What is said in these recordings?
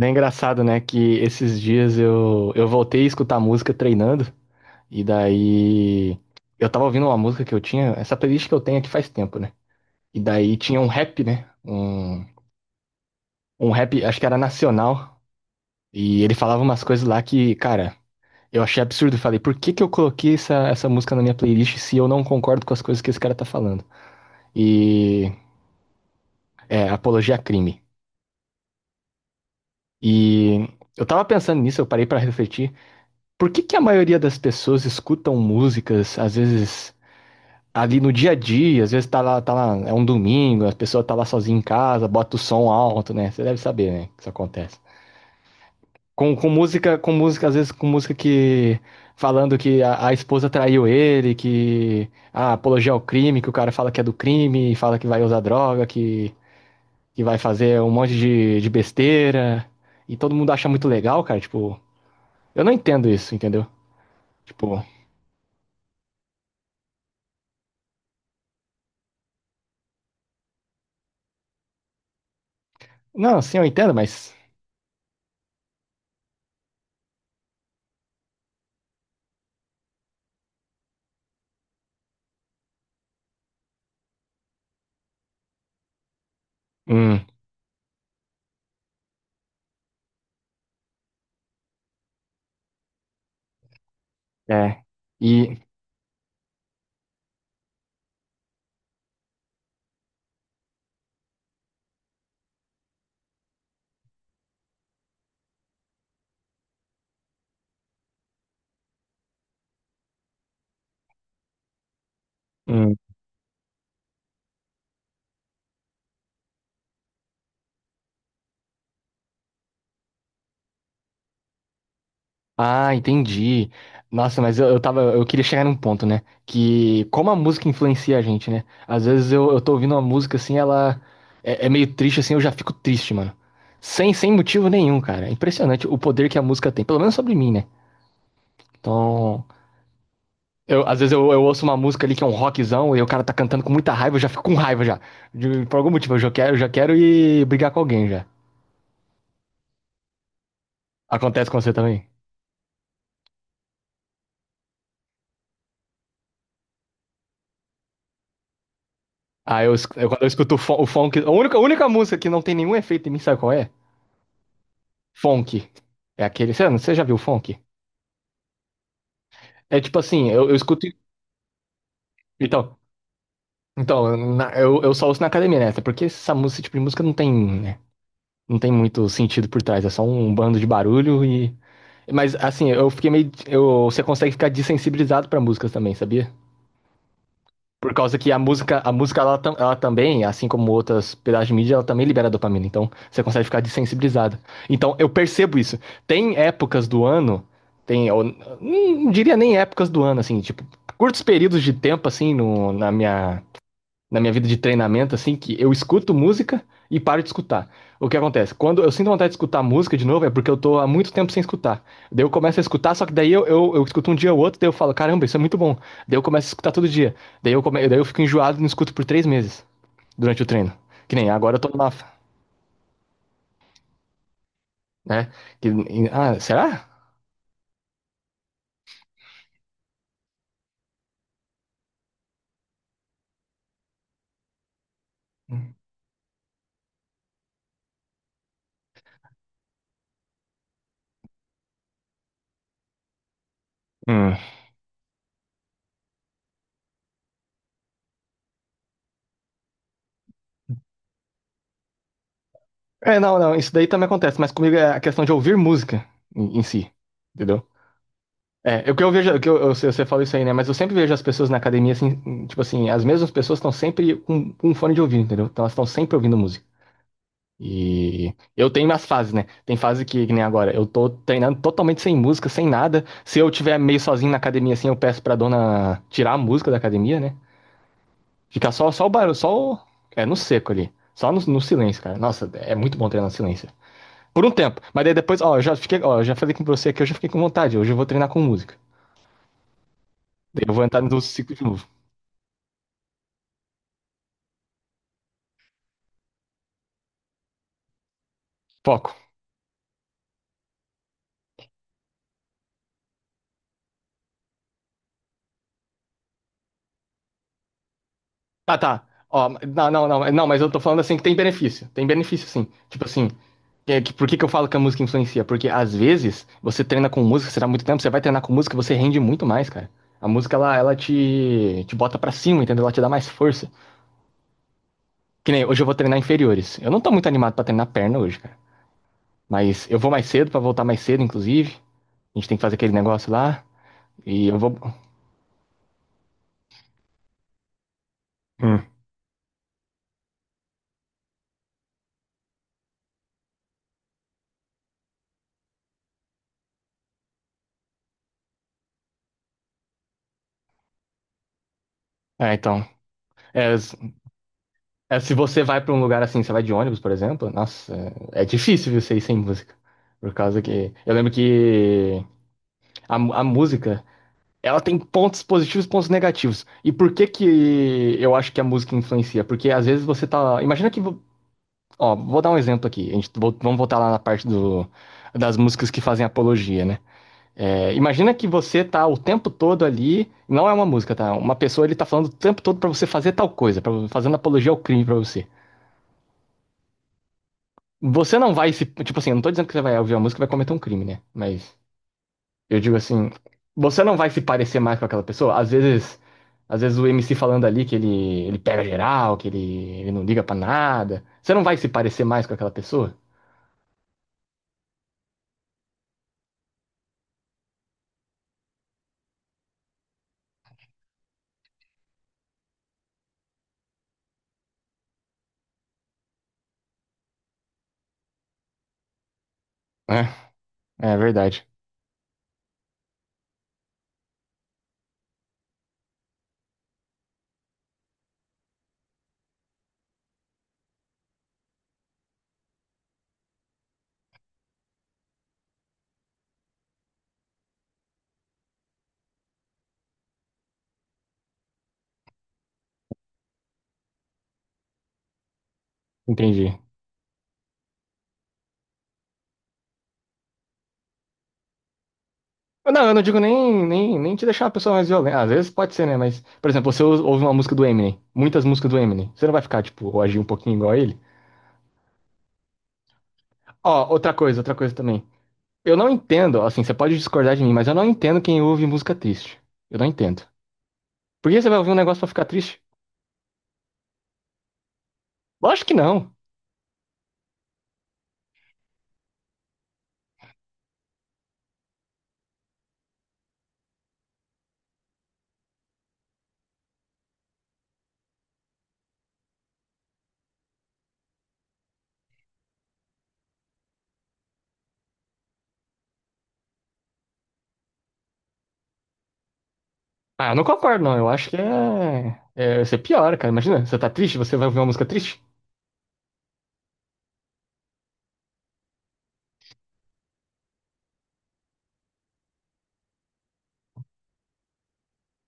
É engraçado, né, que esses dias eu voltei a escutar música treinando, e daí eu tava ouvindo uma música que eu tinha, essa playlist que eu tenho aqui faz tempo, né? E daí tinha um rap, né? Um rap, acho que era nacional, e ele falava umas coisas lá que, cara, eu achei absurdo. Eu falei, por que que eu coloquei essa música na minha playlist se eu não concordo com as coisas que esse cara tá falando? E é, apologia a crime. E eu tava pensando nisso, eu parei pra refletir. Por que que a maioria das pessoas escutam músicas, às vezes ali no dia a dia, às vezes tá lá, é um domingo, a pessoa tá lá sozinha em casa, bota o som alto, né? Você deve saber, né, que isso acontece. Com música, às vezes com música que falando que a esposa traiu ele, que a apologia ao crime, que o cara fala que é do crime, fala que vai usar droga, que vai fazer um monte de besteira, e todo mundo acha muito legal, cara, tipo, eu não entendo isso, entendeu? Tipo, não, sim, eu entendo, mas Hum, é. E. hum. Ah, entendi. Nossa, mas eu tava. Eu queria chegar num ponto, né? Que como a música influencia a gente, né? Às vezes eu tô ouvindo uma música assim, ela é meio triste, assim, eu já fico triste, mano. Sem motivo nenhum, cara. É impressionante o poder que a música tem, pelo menos sobre mim, né? Então. Eu, eu ouço uma música ali que é um rockzão e o cara tá cantando com muita raiva, eu já fico com raiva já. Por algum motivo, eu já quero ir brigar com alguém já. Acontece com você também? Ah, quando eu escuto o funk. A única música que não tem nenhum efeito em mim, sabe qual é? Funk. É aquele. Você já viu funk? É tipo assim, eu escuto. Então, eu só ouço na academia, né? Até porque essa música, esse tipo de música não tem, né? Não tem muito sentido por trás. É só um bando de barulho e. Mas assim, eu fiquei meio. Eu, você consegue ficar dessensibilizado pra músicas também, sabia? Por causa que a música ela também, assim como outras pedaços de mídia, ela também libera dopamina. Então, você consegue ficar desensibilizado. Então, eu percebo isso. Tem épocas do ano, eu não diria nem épocas do ano, assim, tipo, curtos períodos de tempo, assim, no, na minha vida de treinamento, assim, que eu escuto música e paro de escutar. O que acontece? Quando eu sinto vontade de escutar música de novo, é porque eu tô há muito tempo sem escutar. Daí eu começo a escutar, só que daí eu escuto um dia ou outro, daí eu falo, caramba, isso é muito bom. Daí eu começo a escutar todo dia. Daí daí eu fico enjoado e não escuto por três meses durante o treino. Que nem agora eu tô numa. Né? Que... Ah, será? Hum. É, não, não, isso daí também acontece, mas comigo é a questão de ouvir música em si, entendeu? É, o que eu vejo, o que eu, você falou isso aí, né? Mas eu sempre vejo as pessoas na academia, assim, tipo assim, as mesmas pessoas estão sempre com um fone de ouvido, entendeu? Então elas estão sempre ouvindo música. E eu tenho minhas fases, né? Tem fase que nem agora, eu tô treinando totalmente sem música, sem nada. Se eu tiver meio sozinho na academia, assim, eu peço pra dona tirar a música da academia, né? Ficar só, só o barulho, é, no seco ali. Só no silêncio, cara. Nossa, é muito bom treinar no silêncio. Por um tempo. Mas daí depois, ó, eu já fiquei, ó, eu já falei com você que eu já fiquei com vontade. Hoje eu vou treinar com música. Daí eu vou entrar no ciclo de novo. Foco. Tá, tá. Ó, não, não, não, não, mas eu tô falando assim que tem benefício. Tem benefício sim. Tipo assim, por que que eu falo que a música influencia? Porque às vezes você treina com música, você dá muito tempo, você vai treinar com música, você rende muito mais, cara. A música, te bota pra cima, entendeu? Ela te dá mais força. Que nem hoje eu vou treinar inferiores. Eu não tô muito animado pra treinar perna hoje, cara. Mas eu vou mais cedo pra voltar mais cedo, inclusive. A gente tem que fazer aquele negócio lá. E eu vou. Hum. É, então. É, É, se você vai pra um lugar assim, você vai de ônibus, por exemplo, nossa, é difícil você ir sem música. Por causa que. Eu lembro que a música, ela tem pontos positivos e pontos negativos. E por que que eu acho que a música influencia? Porque às vezes você tá. Ó, vou dar um exemplo aqui. Vamos voltar lá na das músicas que fazem apologia, né? É, imagina que você tá o tempo todo ali, não é uma música, tá? Uma pessoa ele tá falando o tempo todo pra você fazer tal coisa, fazendo apologia ao crime pra você. Você não vai se. Tipo assim, eu não tô dizendo que você vai ouvir a música e vai cometer um crime, né? Mas eu digo assim, você não vai se parecer mais com aquela pessoa. Às vezes o MC falando ali que ele pega geral, que ele não liga pra nada. Você não vai se parecer mais com aquela pessoa? Né? é verdade. Entendi. Não, eu não digo nem, nem, nem te deixar uma pessoa mais violenta. Às vezes pode ser, né? Mas, por exemplo, ouve uma música do Eminem, muitas músicas do Eminem. Você não vai ficar, tipo, ou agir um pouquinho igual a ele? Ó, outra coisa também. Eu não entendo, assim, você pode discordar de mim, mas eu não entendo quem ouve música triste. Eu não entendo. Por que você vai ouvir um negócio pra ficar triste? Lógico que não. Ah, eu não concordo, não. Eu acho que é. É você piora, cara. Imagina, você tá triste, você vai ouvir uma música triste?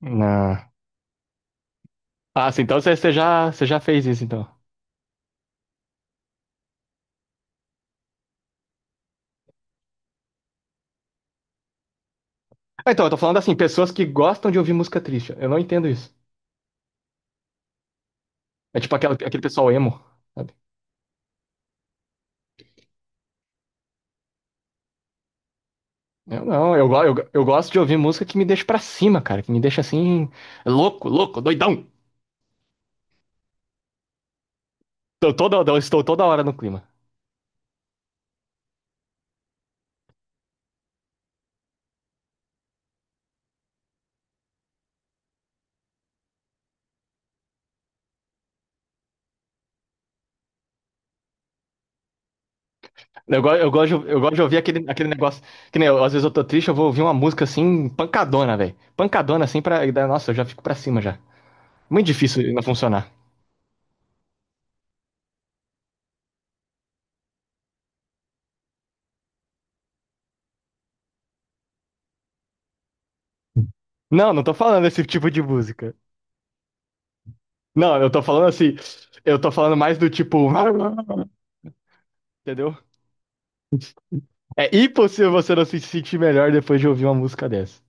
Não. Ah, assim, então você já fez isso, então. Ah, então, eu tô falando assim, pessoas que gostam de ouvir música triste. Eu não entendo isso. É tipo aquela, aquele pessoal emo, sabe? Eu não, eu, go- eu gosto de ouvir música que me deixa pra cima, cara. Que me deixa assim, louco, louco, doidão. Tô toda, eu estou toda hora no clima. Eu gosto de ouvir aquele, aquele negócio. Que nem eu, às vezes eu tô triste, eu vou ouvir uma música assim, pancadona, velho. Pancadona assim pra. Da- Nossa, eu já fico pra cima já. Muito difícil não funcionar. Não, não tô falando esse tipo de música. Não, eu tô falando assim. Eu tô falando mais do tipo. Entendeu? É impossível você não se sentir melhor depois de ouvir uma música dessa.